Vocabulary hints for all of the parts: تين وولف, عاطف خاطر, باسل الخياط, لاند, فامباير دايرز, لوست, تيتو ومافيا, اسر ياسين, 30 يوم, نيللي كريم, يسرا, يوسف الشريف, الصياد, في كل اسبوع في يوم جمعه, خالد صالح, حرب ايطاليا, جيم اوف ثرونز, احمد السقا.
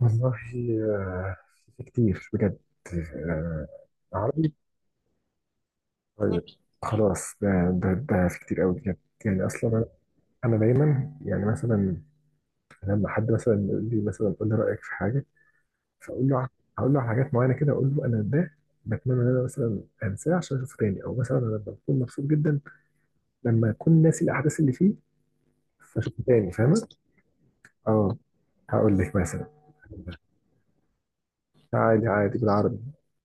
والله، آه، في كتير بجد. آه، عربي. طيب، خلاص، ده في كتير قوي بجد. يعني اصلا انا، دايما، يعني مثلا لما حد مثلا يقول لي مثلا قول لي رايك في حاجه، فاقول له ع- هقول له على حاجات معينه كده، اقول له انا ده بتمنى ان انا مثلا انساه عشان اشوفه تاني، او مثلا انا لما بكون مبسوط جدا لما اكون ناسي الاحداث اللي فيه، فاشوفه تاني، فاهمه؟ اه. هقول لك مثلا. عادي عادي بالعربي،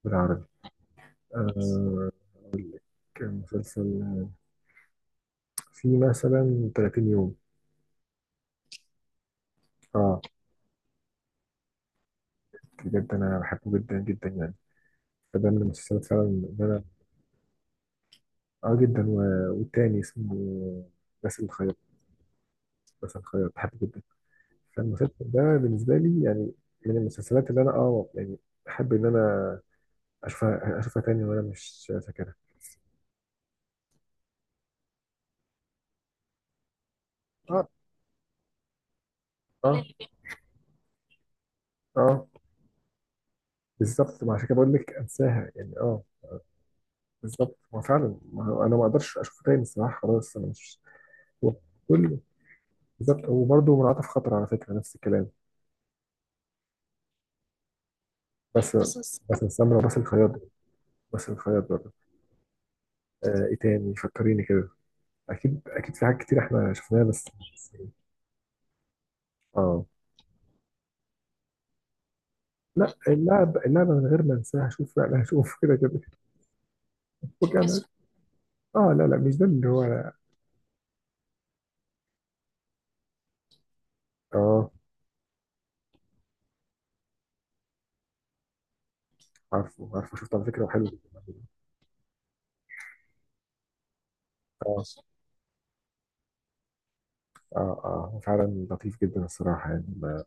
بالعربي. آه، كان مسلسل في مثلا 30 يوم. اه، بجد انا بحبه جدا جدا، يعني فده من المسلسلات فعلا اللي انا، اه جدا والتاني اسمه باسل الخياط. باسل الخياط بحبه جدا، فالمسلسل ده بالنسبه لي يعني من المسلسلات اللي انا اه يعني بحب ان انا اشوفها تاني وانا مش فاكرها. اه، اه، اه، بالظبط، ما عشان كده بقول لك انساها، يعني اه، بالظبط، ما فعلا، ما هو انا ما اقدرش اشوفه تاني الصراحه، خلاص انا مش، هو كله. بالظبط، وبرضه من عاطف خاطر على فكره نفس الكلام. بس بس السمرة وبس الخياط، بس الخياط برضه. آه، ايه تاني، فكريني كده. اكيد في حاجات كتير احنا شفناها، بس. اه. لا، اللعبة من غير ما انساها هشوف، لا لا هشوف كده كده. وكان، اه، لا لا، مش ده اللي هو. اه، عارفه، شفته على فكرة وحلو جدا. اه اه اه، هو فعلا لطيف جدا الصراحة، يعني ما-.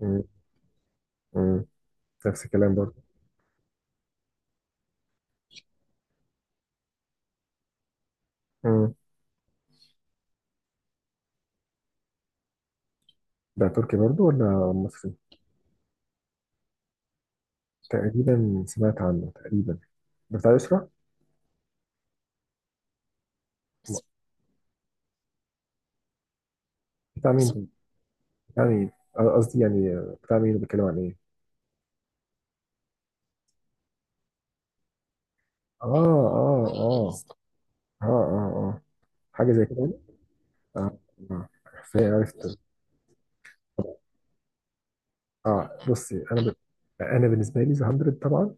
مم، مم. نفس الكلام برضه. مم. ده تركي برضه ولا مصري؟ تقريبا سمعت عنه تقريبا. ده بتاع يسرا؟ بتاع مين؟ يعني، قصدي يعني بتاع مين، بيتكلم عن ايه. اه اه اه. اه اه اه، حاجه زي كده يعني؟ اه، اه. ازاي عرفت؟ اه، انا بالنسبه لي ذا 100 طبعا.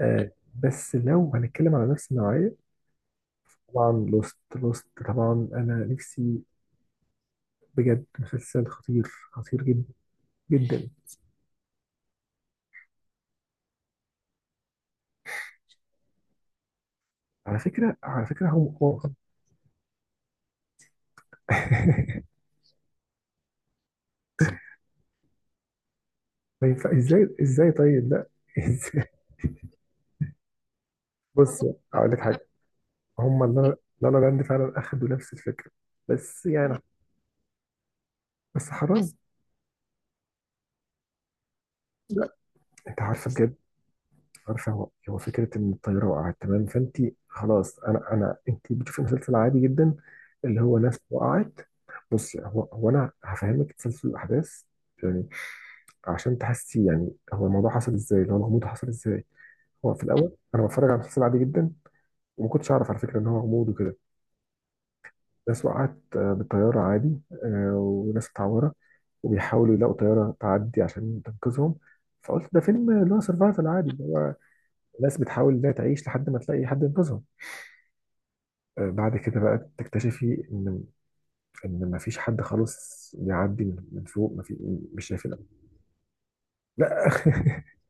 آه، بس لو هنتكلم على نفس النوعيه، طبعا لوست، لوست طبعا انا نفسي، بجد مسلسل خطير، خطير جدا، جدا. على فكره، على فكره هو. ما ينفع. ازاي؟ ازاي؟ طيب لا، ازاي؟ بص، اقول لك حاجه، هم لا لا لا لاند فعلا اخدوا نفس الفكره، بس يعني، بس حرام بس. انت عارفه بجد، عارفه هو، هو فكره ان الطياره وقعت، تمام؟ فانت خلاص، انا انا، انت بتشوفي مسلسل عادي جدا اللي هو ناس وقعت. بصي، هو انا هفهمك تسلسل الاحداث يعني، عشان تحسي يعني هو الموضوع حصل ازاي، اللي هو الغموض حصل ازاي. هو في الاول انا بتفرج على مسلسل عادي جدا، وما كنتش اعرف على فكره ان هو غموض وكده. ناس وقعت، آه، بالطياره عادي، آه، وناس اتعورت، وبيحاولوا يلاقوا طيارة تعدي عشان تنقذهم. فقلت ده فيلم اللي هو سرفايفل عادي، اللي هو ناس بتحاول انها تعيش لحد ما تلاقي حد ينقذهم. آه، بعد كده بقى تكتشفي ان ان ما فيش حد خالص بيعدي من فوق، ما في، مش شايفين. لا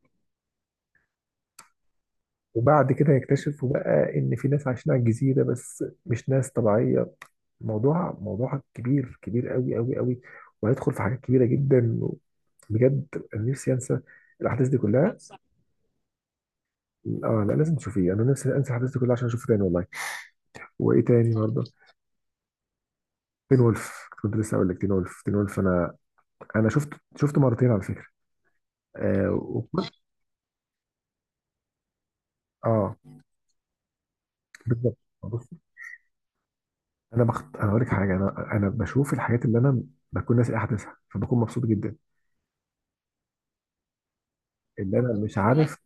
وبعد كده يكتشفوا بقى ان في ناس عايشين على الجزيرة، بس مش ناس طبيعية. موضوع، موضوع كبير، كبير، قوي قوي قوي، وهيدخل في حاجات كبيرة جدا. بجد، انا نفسي انسى الاحداث دي كلها. اه، لا لازم تشوفيه، انا نفسي انسى حفلته كلها عشان اشوفه تاني والله. وايه تاني برضه؟ تين وولف. كنت لسه اقول لك، تين وولف، تين وولف انا، انا شفته مرتين على فكره. آه، وكنت، اه بالظبط. بص، انا اقول لك حاجه، انا بشوف الحاجات اللي انا بكون ناسي احداثها، فبكون مبسوط جدا. اللي انا مش عارف،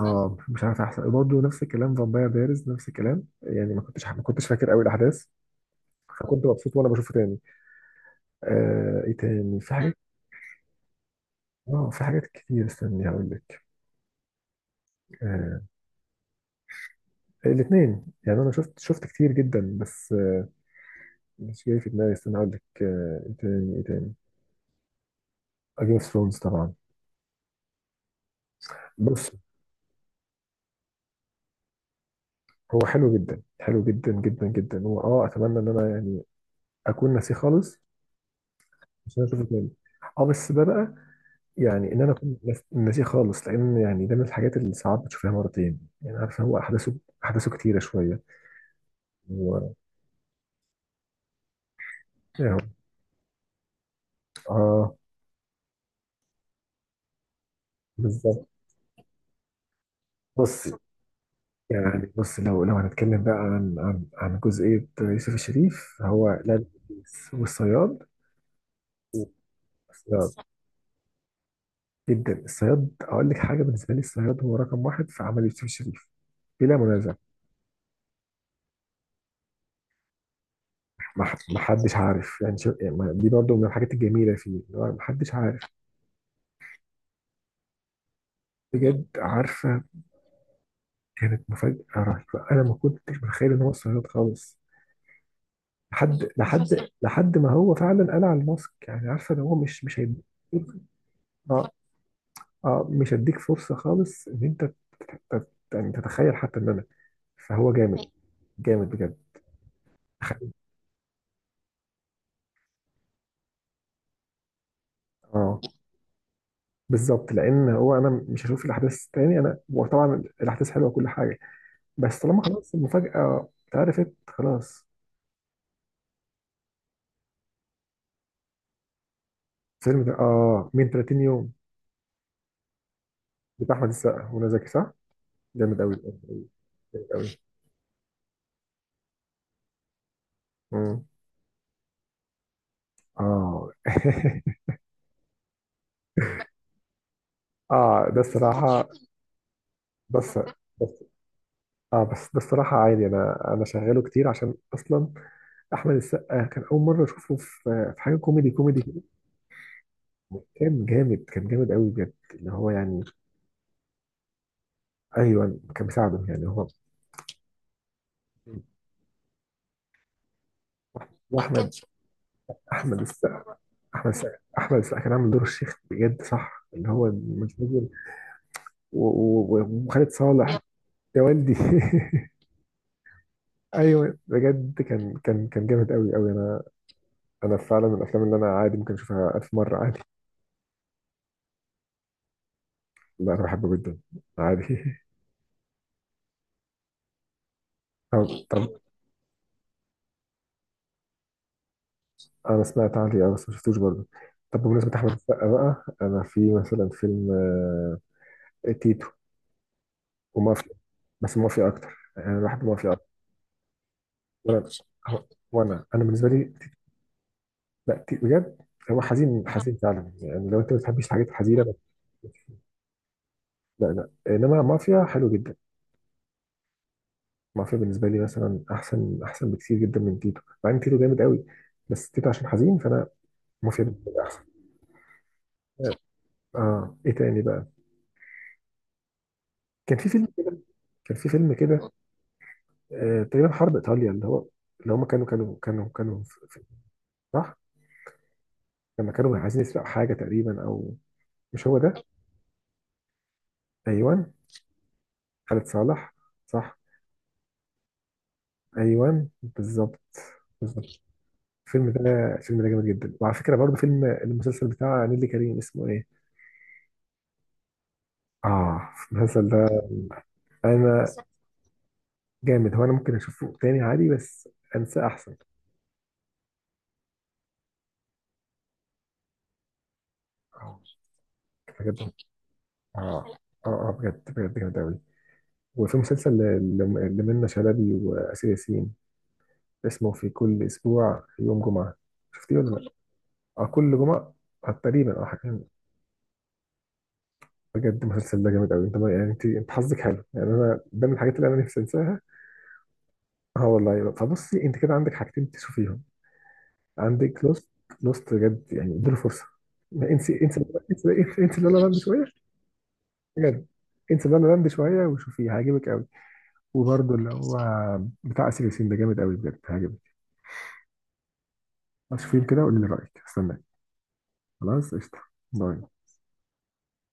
اه مش عارف احسن، برضه نفس الكلام، فامباير دايرز نفس الكلام، يعني ما كنتش فاكر قوي الاحداث، فكنت مبسوط وانا بشوفه تاني. آه، ايه تاني في حاجات؟ اه، في حاجات كتير، استني هقول لك. آه، الاثنين، يعني انا شفت كتير جدا، بس آه، مش جاي في دماغي، استنى اقول لك. آه، ايه تاني؟ ايه تاني؟ جيم اوف ثرونز طبعا. بص، هو حلو جدا، حلو جدا جدا جدا، هو اه اتمنى ان انا يعني اكون ناسيه خالص عشان اشوف تاني. اه، بس ده بقى يعني ان انا اكون ناسيه خالص، لان يعني ده من الحاجات اللي ساعات بتشوفها مرتين، يعني عارفه هو احداثه، احداثه كتيره شويه و... يعني، اه بالظبط. بص، يعني بص لو لو هنتكلم بقى عن عن جزئية يوسف الشريف، هو لا، والصياد. الصياد، جدا الصياد. اقول لك حاجه، بالنسبه لي الصياد هو رقم واحد في عمل يوسف الشريف، بلا منازع. ما حدش عارف، يعني شو يعني ما-، دي برضو من الحاجات الجميله فيه، إن هو ما حدش عارف. بجد، عارفه، كانت مفاجاه رهيبه، انا ما كنتش متخيل ان هو الصياد خالص، لحد لحد ما هو فعلا قلع الماسك، يعني عارفه ان هو مش هيبقى، اه، مش هديك فرصه خالص ان انت يعني تتخيل حتى ان انا، فهو جامد، جامد بجد. تخيل. اه بالظبط، لان هو انا مش هشوف الاحداث تاني انا، وطبعا الاحداث حلوه وكل حاجه، بس طالما خلاص المفاجاه اتعرفت، خلاص. الفيلم ده اه، من 30 يوم بتاع احمد السقا ومنى زكي، صح؟ جامد قوي، جامد قوي، جامد قوي. مم. اه اه، ده الصراحه، بس بس، اه بس ده الصراحه عادي، انا انا شغاله كتير، عشان اصلا احمد السقا كان اول مره اشوفه في، في حاجه كوميدي، كوميدي كده. كان جامد، كان جامد قوي بجد، اللي هو يعني، ايوه كان بيساعده يعني هو. واحمد احمد السقا احمد السقا احمد السقا كان عامل دور الشيخ بجد، صح؟ اللي هو مش راجل، وخالد صالح. يا والدي. ايوه، بجد كان، كان جامد قوي قوي. انا، انا فعلا من الافلام اللي انا عادي ممكن اشوفها 1000 مره عادي. لا انا بحبه جدا، عادي. طب، انا سمعت عليه اه، بس ما شفتوش برضه. طب بمناسبه احمد السقا بقى، انا في مثلا فيلم آه، إيه، تيتو، ومافيا. بس مافيا اكتر، يعني انا بحب مافيا اكتر. وانا، وانا بالنسبه لي، لا تي- بجد هو حزين، حزين فعلا، يعني لو انت ما بتحبش الحاجات الحزينه ما-. لا لا. انما مافيا حلو جدا، مافيا بالنسبه لي مثلا احسن، احسن بكتير جدا من تيتو، مع ان تيتو جامد قوي، بس تيتو عشان حزين فانا، مافيا بالنسبه لي احسن. اه، ايه تاني بقى؟ كان في فيلم كان في فيلم كده، آه، تقريبا حرب ايطاليا، اللي هو اللي هم كانوا في-، صح. لما كانوا عايزين يسرقوا حاجه تقريبا، او مش هو ده؟ ايوه، خالد صالح، صح، ايوه بالظبط، بالظبط. الفيلم ده، الفيلم ده جامد جدا. وعلى فكره، برضه فيلم، المسلسل بتاع نيللي كريم اسمه ايه؟ اه، المسلسل ده انا، جامد، هو انا ممكن اشوفه تاني عادي، بس انساه احسن. اه، بجد، اه اه اه بجد، بجد جامد قوي. وفي مسلسل لمنى شلبي واسر ياسين، اسمه في كل اسبوع في يوم جمعه، شفتيه ولا لا؟ اه، كل جمعه، آه، تقريبا اه حاجه. بجد المسلسل ده جامد قوي، انت ما-، يعني انت، انت حظك حلو، يعني انا ده من الحاجات اللي انا نفسي انساها. اه والله. فبصي، انت كده عندك حاجتين تشوفيهم، عندك لوست. لوست بجد، يعني اديله فرصه. ما انسي انسي, انسي انسي لا لا لاند شويه، بجد انسي لا لا لاند شويه وشوفيه هيعجبك قوي. وبرده اللي هو بتاع اسر ياسين ده جامد قوي بجد، هيعجبك. شوفيه كده وقولي لي رايك، استناك. خلاص، قشطه. باي.